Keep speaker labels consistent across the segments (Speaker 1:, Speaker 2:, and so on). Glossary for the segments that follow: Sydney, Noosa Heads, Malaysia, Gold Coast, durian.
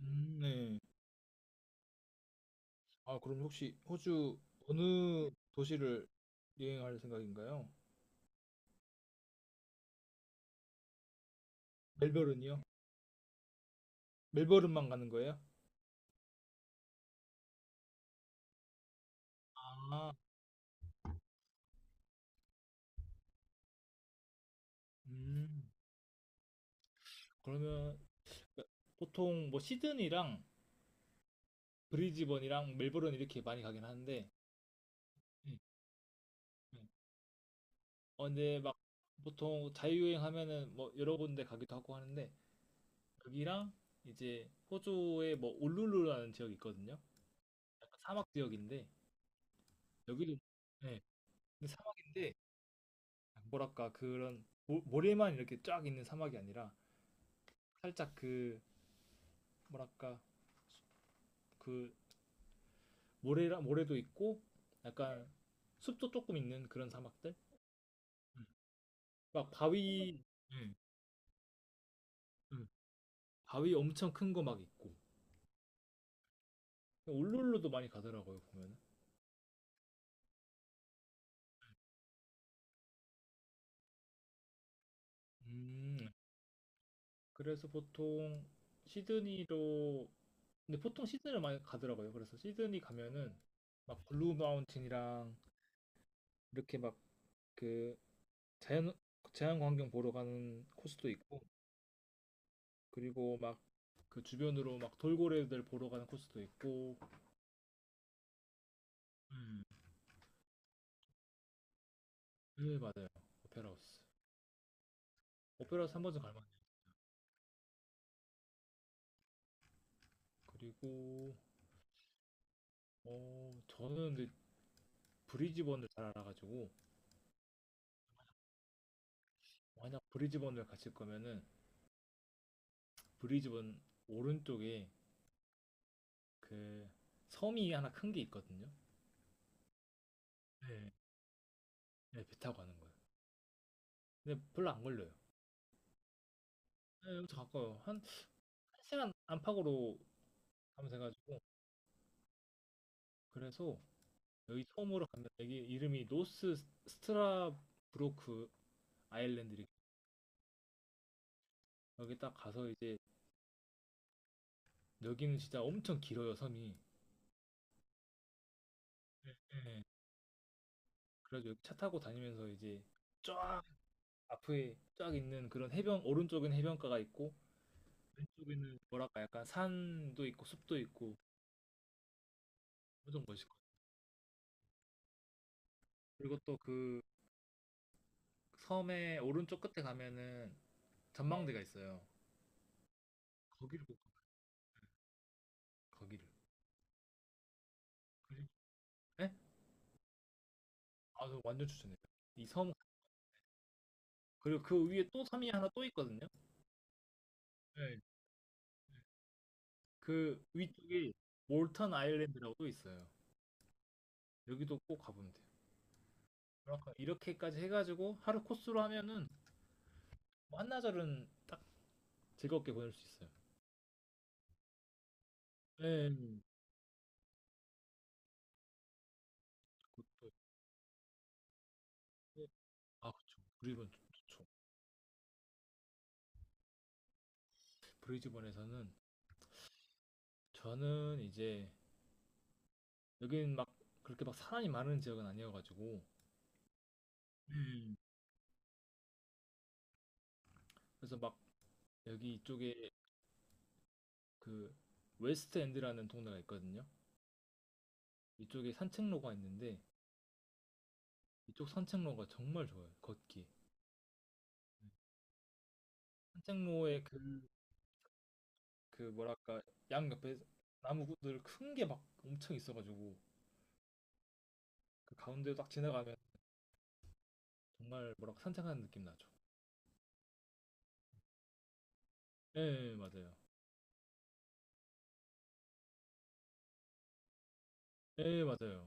Speaker 1: 음, 네. 아, 그럼 혹시 호주 어느 도시를 여행할 생각인가요? 멜버른이요? 멜버른만 가는 거예요? 아, 음. 그러면 보통 뭐 시드니랑 브리즈번이랑 멜버른 이렇게 많이 가긴 하는데. 네, 네. 근데 막 보통 자유여행 하면은 뭐 여러 군데 가기도 하고 하는데, 여기랑 이제 호주의 뭐 울룰루라는 지역이 있거든요. 약간 사막 지역인데 여기도, 네, 근데 사막인데 뭐랄까 그런 모래만 이렇게 쫙 있는 사막이 아니라 살짝 그 뭐랄까 그 모래라 모래도 있고 약간 숲도 조금 있는 그런 사막들. 음. 막 바위. 예, 음. 바위 엄청 큰 거 막 있고 울룰루도 많이 가더라고요 보면은. 음, 그래서 보통 시드니로, 근데 보통 시드니를 많이 가더라고요. 그래서 시드니 가면은 막 블루 마운틴이랑 이렇게 막그 자연 자연 광경 보러 가는 코스도 있고 그리고 막 그 주변으로 막 돌고래들 보러 가는 코스도 있고. 음. 네, 맞아요. 오페라하우스 오페라하우스 한 번쯤 갈만해요. 그리고 저는 근데 브리즈번을 잘 알아가지고 만약 브리즈번을 가실 거면은 브리즈번 오른쪽에 그 섬이 하나 큰 게 있거든요. 네. 네, 배 타고 가는 거예요. 근데 별로 안 걸려요. 네, 여기서 가까워요. 한, 한 시간 안팎으로 가면 돼가지고. 그래서 여기 섬으로 가면 여기 이름이 노스 스트라브로크 아일랜드. 여기 딱 가서 이제 여기는 진짜 엄청 길어요, 섬이. 네. 그래서 여기 차 타고 다니면서 이제 쫙, 앞에 쫙 있는 그런 해변 오른쪽엔 해변가가 있고 왼쪽에는 뭐랄까 약간 산도 있고 숲도 있고 엄청 멋있고, 그리고 또 그 섬의 오른쪽 끝에 가면은 전망대가 있어요. 거기를 꼭 가봐요, 거기를. 그리고, 네? 아, 저 완전 추천해요. 이 섬, 그리고 그 위에 또 섬이 하나 또 있거든요. 네, 그 위쪽에 몰턴 아일랜드라고 있어요. 여기도 꼭 가보면 돼요. 뭐랄까 이렇게까지 해가지고 하루 코스로 하면은 뭐 한나절은 딱 즐겁게 보낼 수 있어요. 네, 그것도 있고, 아, 그쵸, 브리즈번 좋죠. 브리즈번에서는 저는 이제 여긴 막 그렇게 막 사람이 많은 지역은 아니어가지고, 음. 그래서 막 여기 이쪽에 그 웨스트 엔드라는 동네가 있거든요. 이쪽에 산책로가 있는데 이쪽 산책로가 정말 좋아요. 걷기. 산책로에 그 뭐랄까 양 옆에 나무들 큰 게 막 엄청 있어가지고 그 가운데 딱 지나가면 정말 뭐랄까 산책하는 느낌 나죠. 예, 예, 맞아요. 예, 맞아요.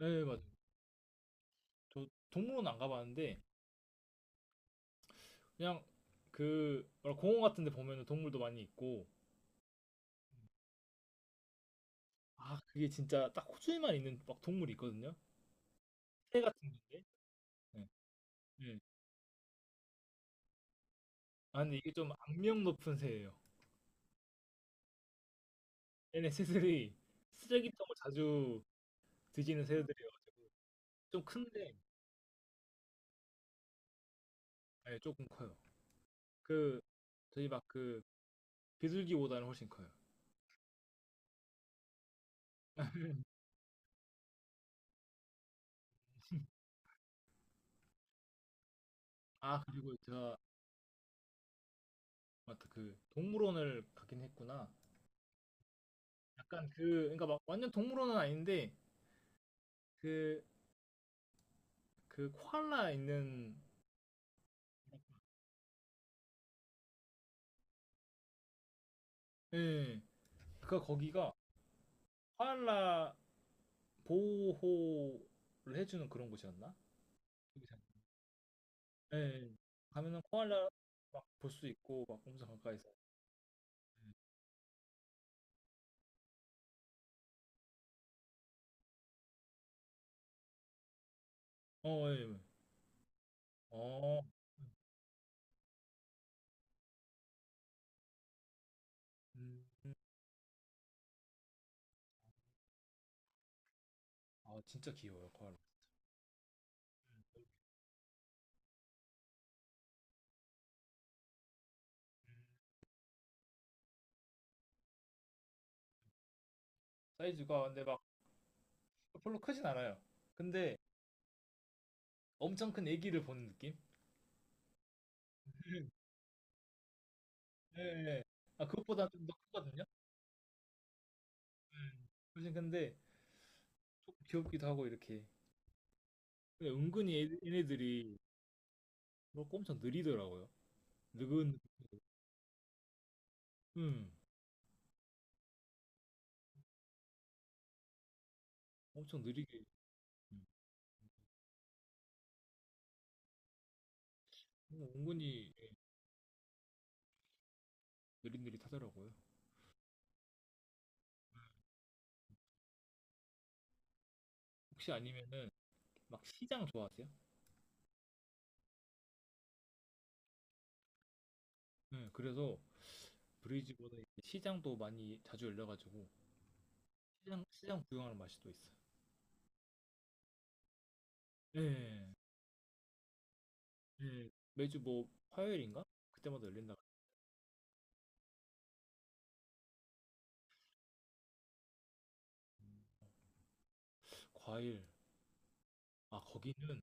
Speaker 1: 예, 맞아요. 저 동물원 안 가봤는데 그냥 그 뭐랄까 공원 같은 데 보면은 동물도 많이 있고 아, 그게 진짜 딱 호주에만 있는 막 동물이 있거든요. 새 같은 건데. 예, 예. 아, 근데 이게 좀 악명 높은 새예요. 얘네 새들이 쓰레기통을 자주 뒤지는 새들이어가지고 좀 큰데 네, 조금 커요. 그, 저희 막 그 비둘기보다는 훨씬 커요. 아, 그리고 제가 맞다, 그 동물원을 가긴 했구나. 약간 그 그러니까 막 완전 동물원은 아닌데 그 그 코알라 있는 예. 그 거기가 코알라 보호를 해주는 그런 곳이었나? 기잘 예. 예. 가면은 코알라 막 볼 수 있고 막 엄청 가까이서. 어, 예. 예. 어. 음. 음. 아, 진짜 귀여워요, 코알라. 음. 사이즈가 근데 막 별로 크진 않아요. 근데 엄청 큰 애기를 보는 느낌? 예, 예. 아, 그것보다 좀 더 크거든요. 음. 훨씬 근데 조금 귀엽기도 하고 이렇게. 근데 은근히 얘네들이 그거 엄청 느리더라고요. 느근, 음, 엄청 느리게. 음. 은근히 예, 느릿느릿하더라고요. 혹시 아니면은 막 시장 좋아하세요? 네, 그래서 브리즈번에 시장도 많이 자주 열려가지고 시장 구경하는 맛이 또 있어요. 네. 매주 뭐 화요일인가? 그때마다 열린다. 과일. 아, 거기는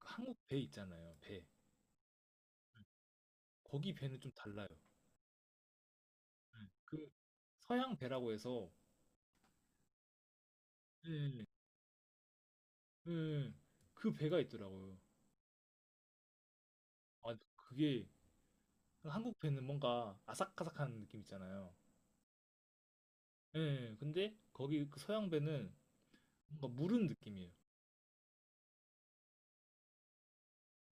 Speaker 1: 그 한국 배 있잖아요. 배. 거기 배는 좀 달라요. 그 서양 배라고 해서 음, 음, 그 배가 있더라고요. 아, 그게 한국 배는 뭔가 아삭아삭한 느낌 있잖아요. 예, 근데 거기 그 서양 배는 뭔가 무른 느낌이에요.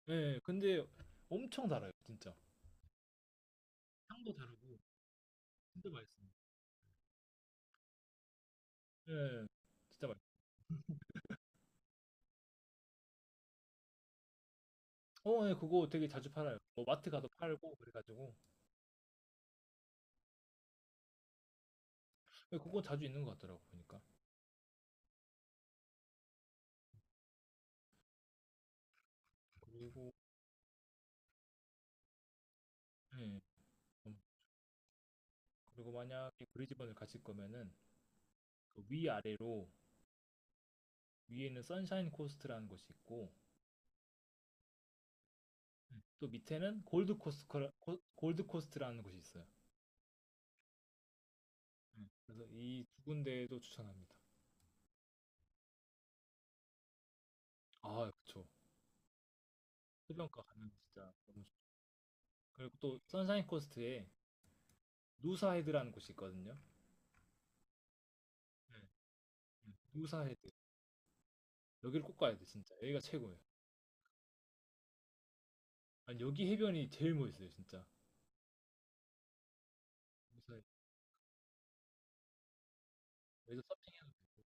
Speaker 1: 예, 근데 엄청 달아요, 진짜. 향도 다르고 진짜 맛있어요. 예, 진짜. 예, 그거 되게 자주 팔아요. 뭐 마트 가서 팔고 그래가지고 예, 그거 자주 있는 것 같더라고 보니까. 그리고 예, 음, 그리고 만약에 브리즈번을 가실 거면은 그 위아래로, 위에는 선샤인 코스트라는 곳이 있고 또 밑에는 골드 코스트라는 곳이 있어요. 그래서 이 두 군데도 추천합니다. 아, 그쵸. 해변가 가면 진짜 너무 좋죠. 그리고 또 선샤인 코스트에 누사헤드라는 곳이 있거든요. 네, 누사헤드 여기를 꼭 가야 돼 진짜. 여기가 최고예요. 아니 여기 해변이 제일 멋있어요, 진짜. 그래서 여기서 서핑해도 되고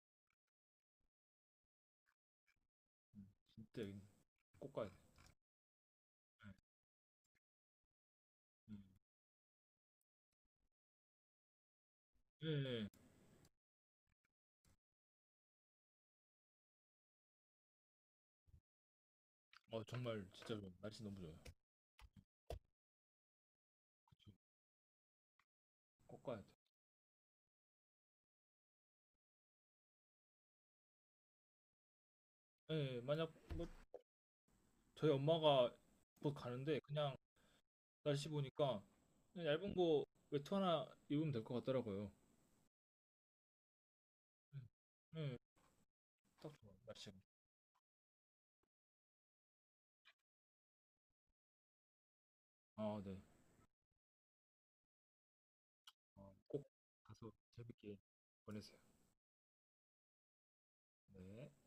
Speaker 1: 진짜 여기 꼭 가야 돼. 네, 네. 예, 예. 정말 진짜 좋아요. 날씨 너무 좋아요. 그쵸. 꼭 가야 돼. 예, 예. 만약 뭐 저희 엄마가 뭐 가는데 그냥 날씨 보니까 그냥 얇은 거 외투 하나 입으면 될 것 같더라고요. 예, 예. 딱 좋아요 날씨가. 아, 네. 꼭 가서 재밌게 보내세요. 네.